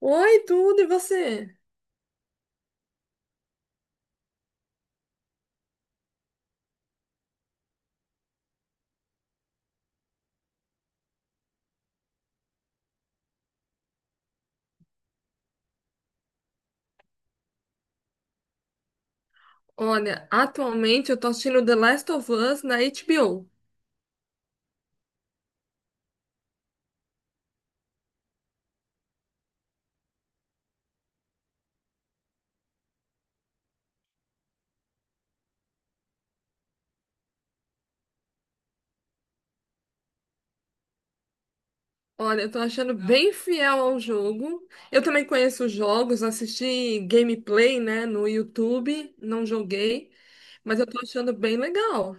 Oi, tudo, e você? Olha, atualmente eu tô assistindo The Last of Us na HBO. Olha, eu tô achando bem fiel ao jogo. Eu também conheço os jogos, assisti gameplay, né, no YouTube, não joguei, mas eu tô achando bem legal.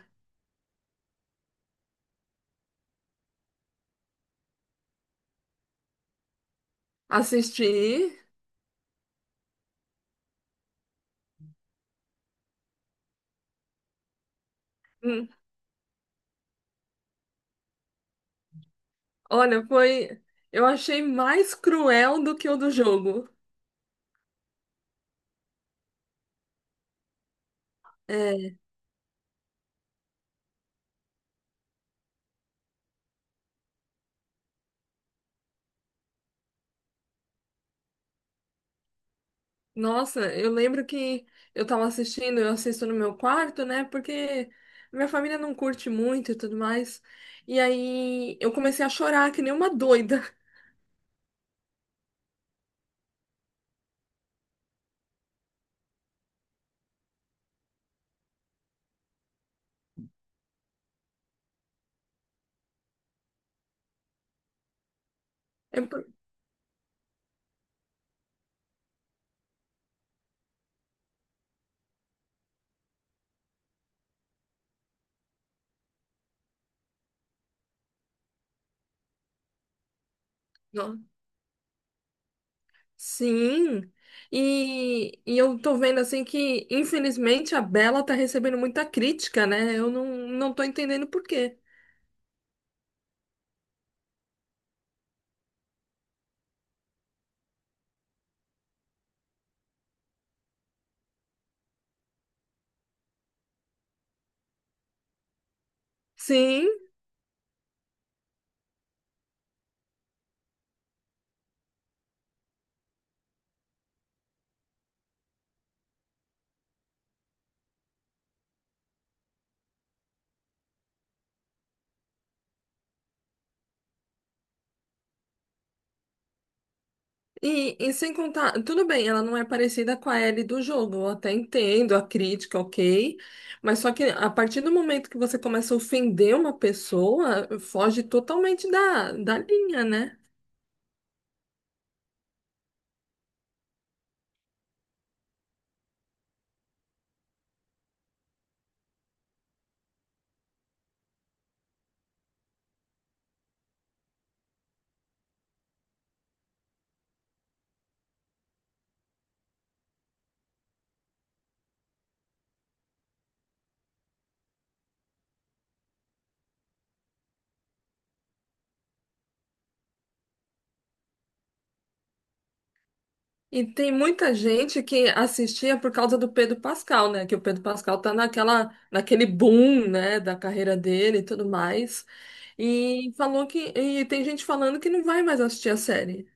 Assisti. Hum. Olha, foi. Eu achei mais cruel do que o do jogo. É. Nossa, eu lembro que eu assisto no meu quarto, né? Porque minha família não curte muito e tudo mais. E aí eu comecei a chorar que nem uma doida. É por- Ó. Sim. E eu tô vendo assim que, infelizmente, a Bela tá recebendo muita crítica, né? Eu não tô entendendo por quê. Sim. E sem contar, tudo bem, ela não é parecida com a Ellie do jogo, eu até entendo a crítica, ok, mas só que a partir do momento que você começa a ofender uma pessoa, foge totalmente da linha, né? E tem muita gente que assistia por causa do Pedro Pascal, né? Que o Pedro Pascal tá naquele boom, né, da carreira dele e tudo mais. E falou que, e tem gente falando que não vai mais assistir a série.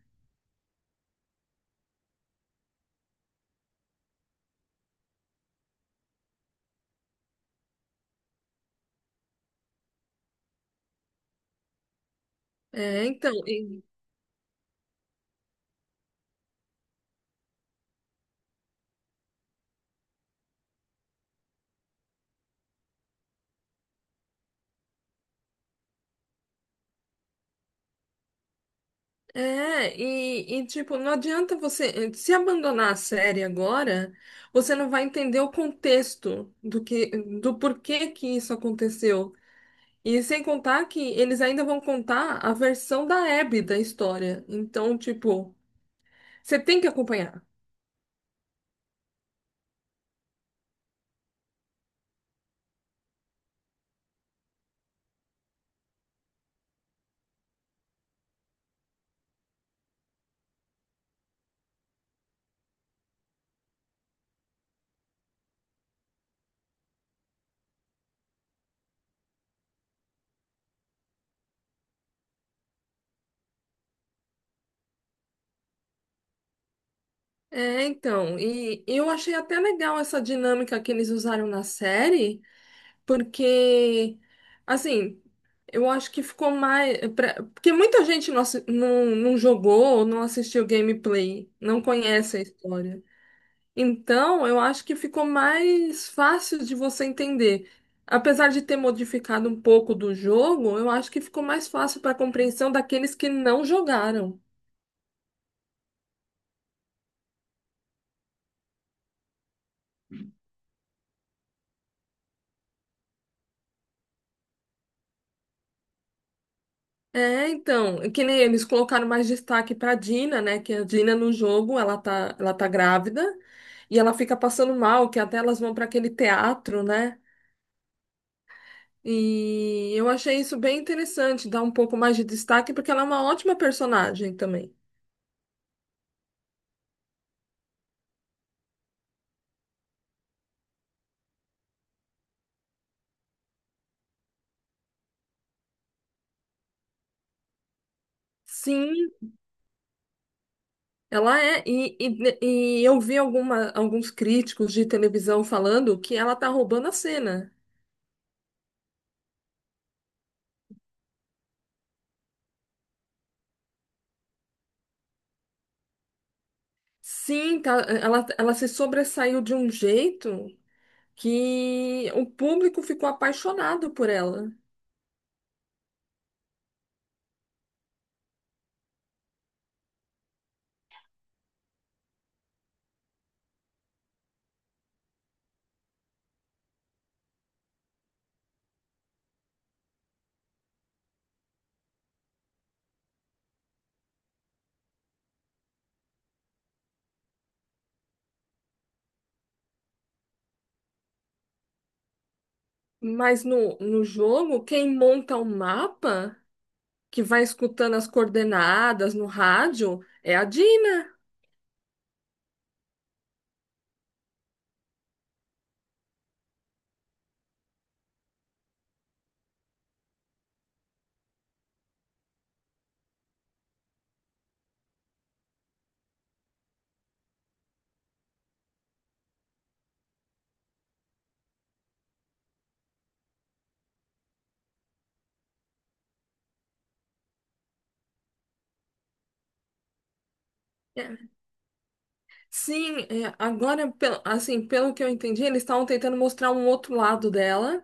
É, então. É, tipo, não adianta você se abandonar a série agora, você não vai entender o contexto do que, do porquê que isso aconteceu. E sem contar que eles ainda vão contar a versão da Abby da história. Então, tipo, você tem que acompanhar. É, então, e eu achei até legal essa dinâmica que eles usaram na série, porque, assim, eu acho que porque muita gente não jogou, não assistiu gameplay, não conhece a história. Então, eu acho que ficou mais fácil de você entender. Apesar de ter modificado um pouco do jogo, eu acho que ficou mais fácil para compreensão daqueles que não jogaram. É, então, que nem eles colocaram mais destaque para Dina, né? Que a Dina no jogo, ela tá grávida e ela fica passando mal, que até elas vão para aquele teatro, né? E eu achei isso bem interessante, dar um pouco mais de destaque, porque ela é uma ótima personagem também. Sim, ela é. E eu vi alguns críticos de televisão falando que ela tá roubando a cena. Sim, tá, ela se sobressaiu de um jeito que o público ficou apaixonado por ela. Mas no jogo, quem monta o mapa, que vai escutando as coordenadas no rádio, é a Dina. É. Sim, é, agora, assim, pelo que eu entendi, eles estavam tentando mostrar um outro lado dela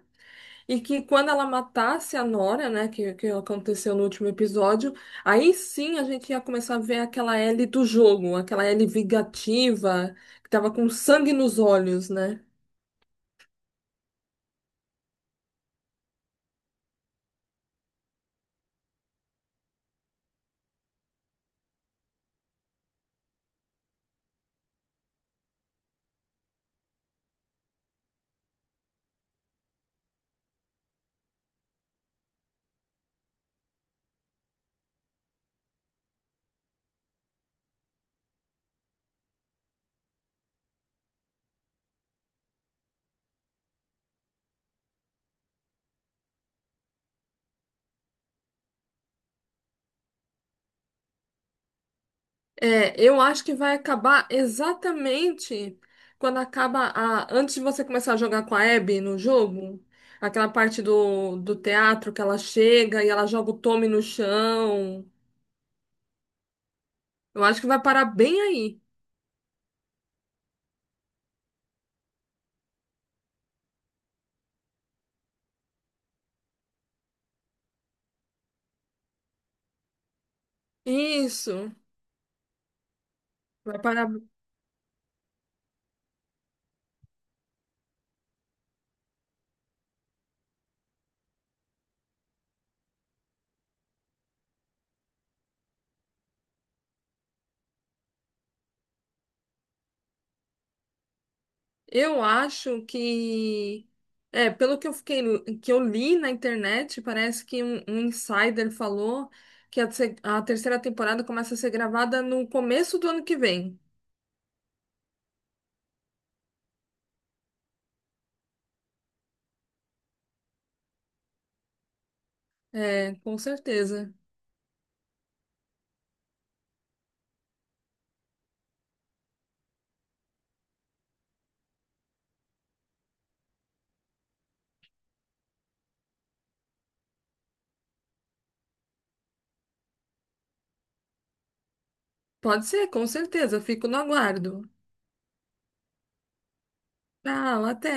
e que quando ela matasse a Nora, né, que aconteceu no último episódio, aí sim a gente ia começar a ver aquela Ellie do jogo, aquela Ellie vingativa, que tava com sangue nos olhos, né? É, eu acho que vai acabar exatamente quando acaba a. Antes de você começar a jogar com a Abby no jogo, aquela parte do teatro que ela chega e ela joga o Tommy no chão. Eu acho que vai parar bem aí. Isso. Vai parar. Eu acho que. É, pelo que eu fiquei, que eu li na internet, parece que um insider falou que a, se- a terceira temporada começa a ser gravada no começo do ano que vem. É, com certeza. Pode ser, com certeza. Eu fico no aguardo. Tchau, até.